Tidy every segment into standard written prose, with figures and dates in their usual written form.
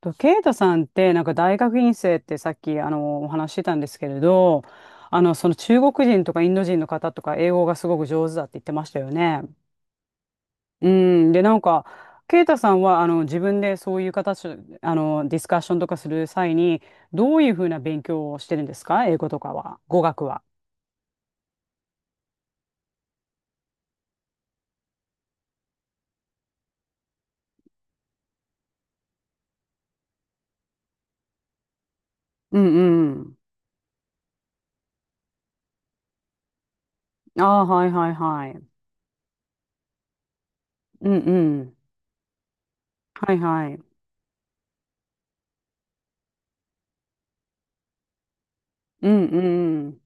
と、ケイトさんって、なんか大学院生ってさっき、お話ししてたんですけれど、その中国人とかインド人の方とか英語がすごく上手だって言ってましたよね。うん。で、なんか、ケイタさんは、自分でそういう形、ディスカッションとかする際に、どういうふうな勉強をしてるんですか、英語とかは、語学は。うんうん。ああ、はいはいはい。うんうん。はいはい。うんうん。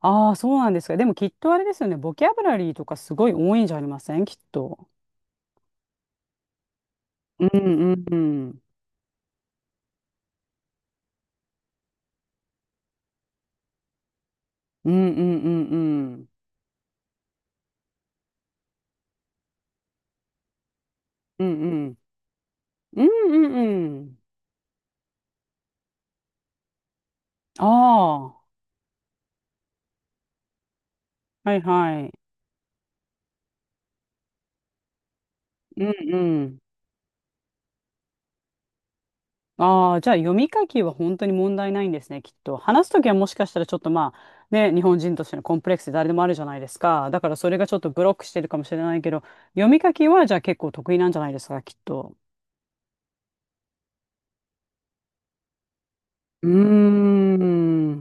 ああ、そうなんですか。でもきっとあれですよね。ボキャブラリーとかすごい多いんじゃありません、きっと。うんうんうん。うんうんうんうん。うんうん。うんうんうん。ああ、はいはい。うんうんうんうん。ああ、じゃあ読み書きは本当に問題ないんですね、きっと。話すときはもしかしたらちょっとまあ、ね、日本人としてのコンプレックスで誰でもあるじゃないですか。だからそれがちょっとブロックしてるかもしれないけど、読み書きはじゃあ結構得意なんじゃないですか、きっと。うーん。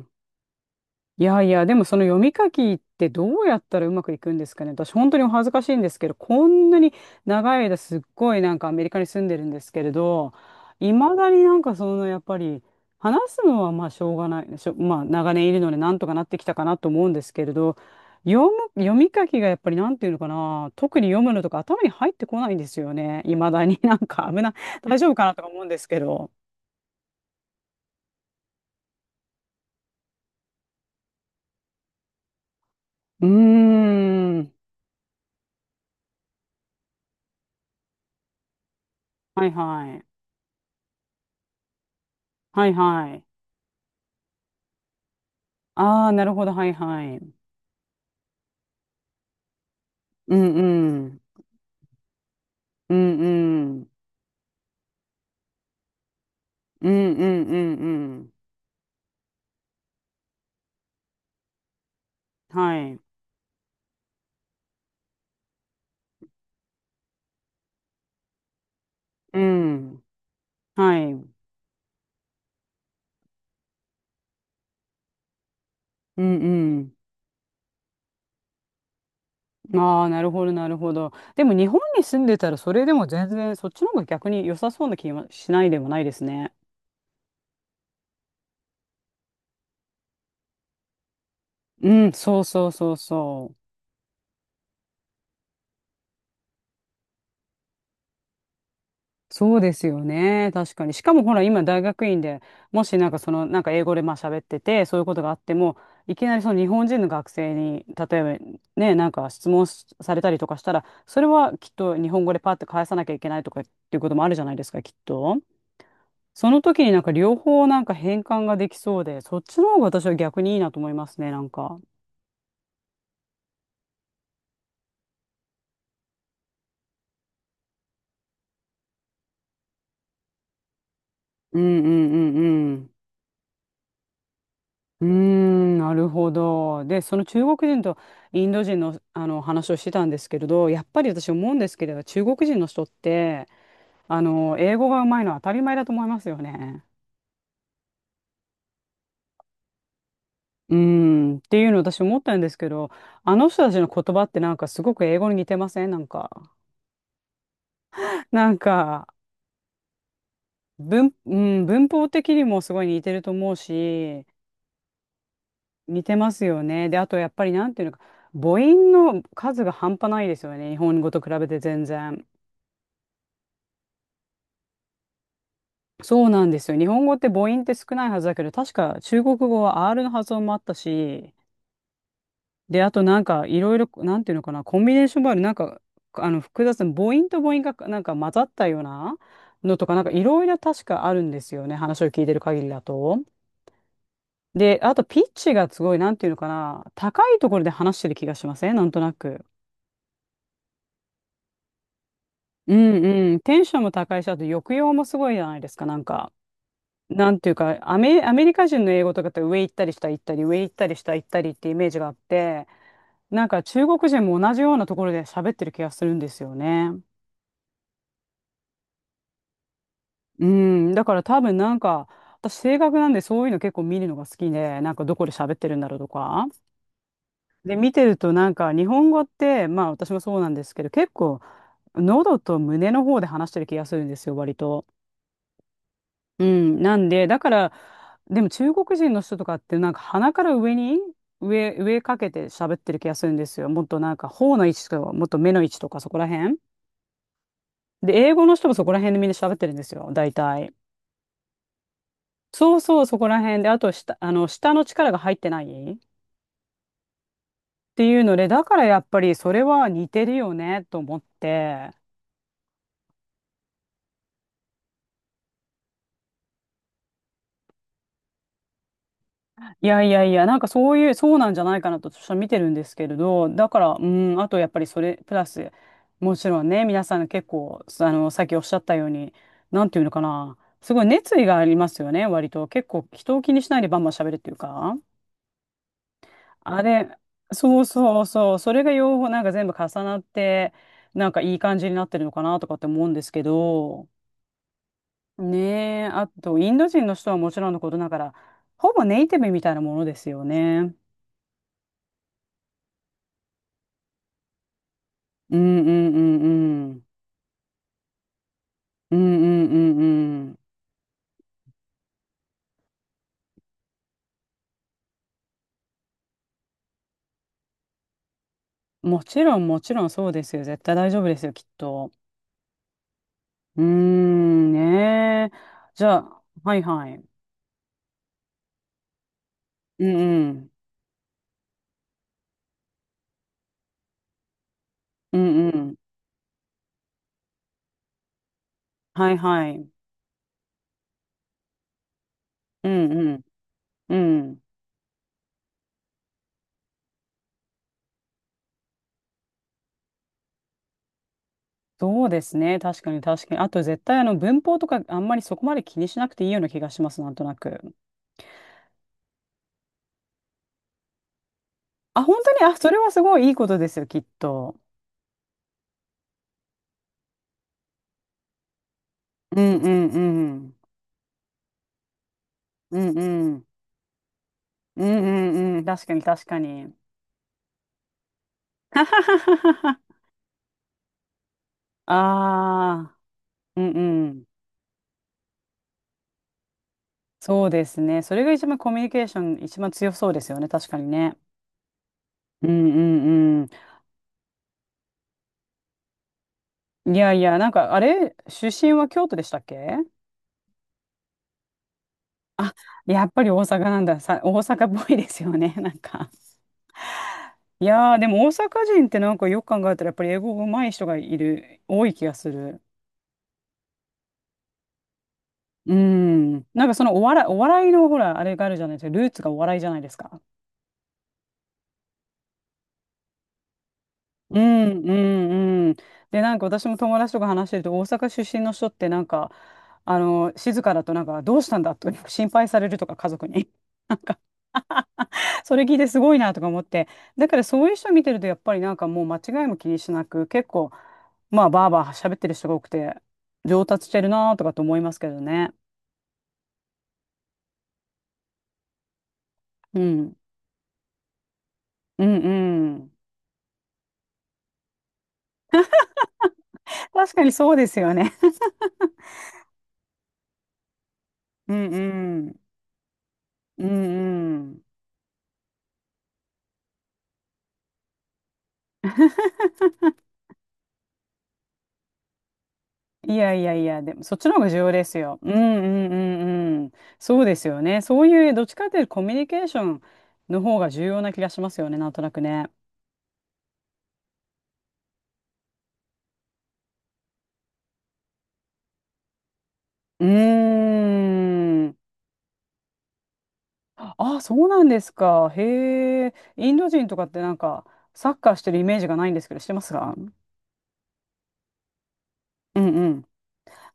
いやいや、でもその読み書きってどうやったらうまくいくんですかね。私本当にお恥ずかしいんですけど、こんなに長い間すっごいなんかアメリカに住んでるんですけれど、いまだになんかそのやっぱり話すのはまあしょうがない、まあ長年いるのでなんとかなってきたかなと思うんですけれど、読読み書きがやっぱりなんていうのかな、特に読むのとか頭に入ってこないんですよね。いまだになんか危ない、大丈夫かなとか思うんですけど。うーん。はいはい。はいはい。ああ、なるほど、はいはい。うんうん。うんうん。うんうんうんうん。はい。うん。はい。うんうん。ああ、なるほど、なるほど。でも日本に住んでたらそれでも全然そっちの方が逆に良さそうな気がしないでもないですね。うん、そうそうそうそう。そうですよね。確かに。しかもほら、今大学院で、もしなんかその、なんか英語でまあ喋ってて、そういうことがあっても、いきなりその日本人の学生に、例えばね、なんか質問しされたりとかしたら、それはきっと日本語でパッて返さなきゃいけないとかっていうこともあるじゃないですか、きっと。その時になんか両方なんか変換ができそうで、そっちの方が私は逆にいいなと思いますね、なんか。うんうんうんうん。うーん、なるほど。で、その中国人とインド人の、あの話をしてたんですけれど、やっぱり私思うんですけれど、中国人の人って、英語が上手いのは当たり前だと思いますよね。うーん、っていうの私思ったんですけど、あの人たちの言葉ってなんかすごく英語に似てませんなんか。なんか、うん、文法的にもすごい似てると思うし、似てますよね。で、あとやっぱりなんていうのか、母音の数が半端ないですよね。日本語と比べて全然。そうなんですよ。日本語って母音って少ないはずだけど、確か中国語は R の発音もあったし、で、あとなんかいろいろ、なんていうのかな、コンビネーションもある、なんか、複雑な母音と母音がなんか混ざったようなのとか、なんかいろいろ確かあるんですよね。話を聞いてる限りだと。で、あとピッチがすごい、なんていうのかな、高いところで話してる気がしませんなんとなく。うんうん。テンションも高いし、あと抑揚もすごいじゃないですか、なんか。なんていうか、アメリカ人の英語とかって上行ったり下行ったり、上行ったり下行ったりってイメージがあって、なんか中国人も同じようなところで喋ってる気がするんですよね。うん、だから多分なんか、私性格なんでそういうの結構見るのが好きで、なんかどこで喋ってるんだろうとか。で、見てるとなんか日本語って、まあ私もそうなんですけど、結構喉と胸の方で話してる気がするんですよ、割と。うん、なんで、だから、でも中国人の人とかってなんか鼻から上に上かけて喋ってる気がするんですよ。もっとなんか頬の位置とか、もっと目の位置とかそこら辺。で、英語の人もそこら辺でみんな喋ってるんですよ、大体。そうそう、そこら辺で、あと下、下の力が入ってないっていうので、だからやっぱりそれは似てるよねと思って。いやいやいや、なんかそういう、そうなんじゃないかなと私は見てるんですけれど、だから、うん、あとやっぱりそれ、プラス、もちろんね、皆さん結構、さっきおっしゃったように、なんていうのかな、すごい熱意がありますよね、割と。結構、人を気にしないでバンバン喋るっていうか。あれ、そうそうそう、それが両方なんか全部重なって、なんかいい感じになってるのかなとかって思うんですけど、ねえ、あと、インド人の人はもちろんのことながら、ほぼネイティブみたいなものですよね。うんうんうんうん。うんうんうんうん。もちろんもちろんそうですよ。絶対大丈夫ですよ、きっと。うーん、ねえ。じゃあ、はいはい。うんうん。うんうん。はいはい。うんうん。うん。そうですね。確かに確かに。あと絶対あの文法とかあんまりそこまで気にしなくていいような気がします、なんとなく。あ、本当に、あ、それはすごいいいことですよ、きっと。うんうんうん。うんうん。うんうんうん。確かに確かに。はははははあ、あうんうん。そうですね。それが一番コミュニケーション一番強そうですよね。確かにね。うんうんうん。いやいや、なんかあれ、出身は京都でしたっけ？あ、やっぱり大阪なんだ。さ、大阪っぽいですよね。なんか。いやー、でも大阪人ってなんかよく考えたらやっぱり英語上手い人がいる、多い気がする。うん。なんかそのお笑い、お笑いのほら、あれがあるじゃないですか。ルーツがお笑いじゃないですか。うんうんうん。で、なんか私も友達とか話してると、大阪出身の人ってなんか、静かだとなんか、どうしたんだと 心配されるとか、家族に。それ聞いてすごいなとか思って。だからそういう人見てると、やっぱりなんかもう間違いも気にしなく、結構、まあ、バーバー喋ってる人が多くて、上達してるなとかと思いますけどね。うん。うんうん。確かにそうですよね。うんうん。うんうん。いやいやいや、でもそっちの方が重要ですよ。うんうんうんうん。そうですよね。そういうどっちかというとコミュニケーションの方が重要な気がしますよね、なんとなくね。うーん。あ、そうなんですか。へえ。インド人とかってなんかサッカーしてるイメージがないんですけど、してますか？うんうん。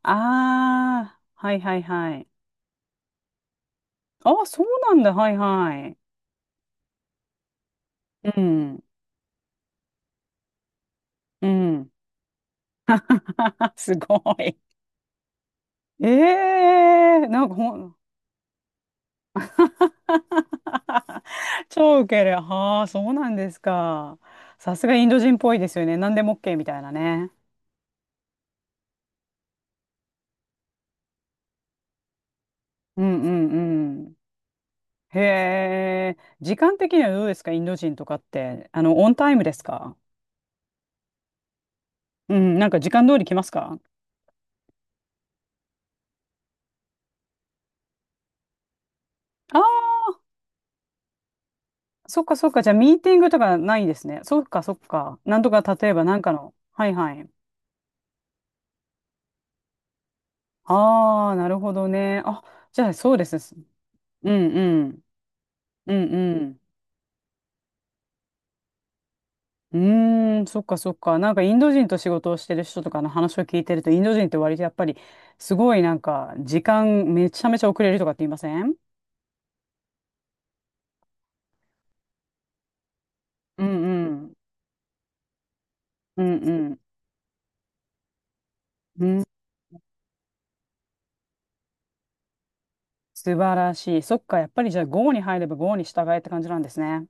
ああ、はいはいはい。ああ、そうなんだ。はいはい。うん。うん。すごい。ええなんか超ウケる。はあ、そうなんですか。さすがインド人っぽいですよね。何でも OK みたいなね。うんうんうん。へえ。時間的にはどうですか、インド人とかって。あの、オンタイムですか？うん、なんか時間通り来ますか？ああー、そっかそっか。じゃあミーティングとかないですね。そっかそっか。なんとか例えばなんかの。はいはい。ああ、なるほどね。あ、じゃあそうです。うんうん。うんうん。うーん、そっかそっか。なんかインド人と仕事をしてる人とかの話を聞いてると、インド人って割とやっぱりすごいなんか時間めちゃめちゃ遅れるとかって言いません？うんうん。うんうん。うん、素晴らしい。そっか、やっぱりじゃあ g に入れば g に従えって感じなんですね。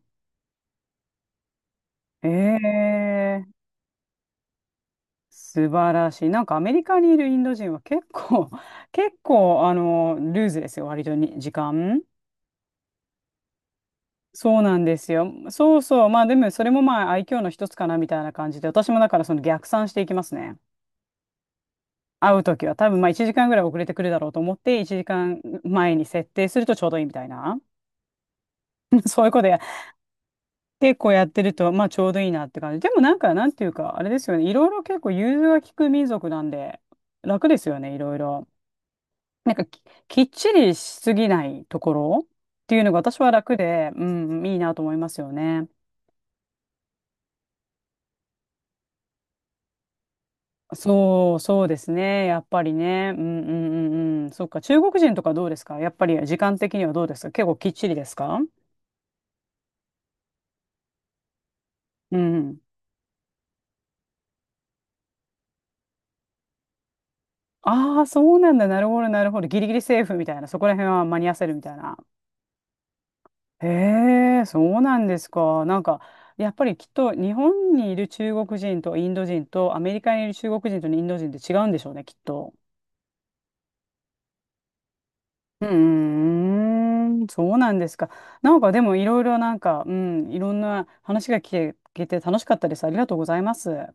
ええー、素晴らしい。なんかアメリカにいるインド人は結構、結構ルーズですよ、割とに時間。そうなんですよ。そうそう。まあでもそれもまあ愛嬌の一つかなみたいな感じで、私もだからその逆算していきますね。会うときは多分まあ1時間ぐらい遅れてくるだろうと思って、1時間前に設定するとちょうどいいみたいな。そういうことや、結構やってるとまあちょうどいいなって感じ。でもなんかなんていうかあれですよね。いろいろ結構融通が利く民族なんで楽ですよね、いろいろ。なんかき、きっちりしすぎないところっていうのが私は楽で、うん、いいなと思いますよね。そう、そうですね。やっぱりね。うんうんうんうん。そっか。中国人とかどうですか、やっぱり時間的にはどうですか、結構きっちりですか？うん。ああ、そうなんだ。なるほど、なるほど。ギリギリセーフみたいな。そこら辺は間に合わせるみたいな。へえ、そうなんですか。なんか、やっぱりきっと日本にいる中国人とインド人と、アメリカにいる中国人とインド人って違うんでしょうね、きっと。うーん、そうなんですか。なんかでもいろいろなんか、うん、いろんな話が聞けて楽しかったです。ありがとうございます。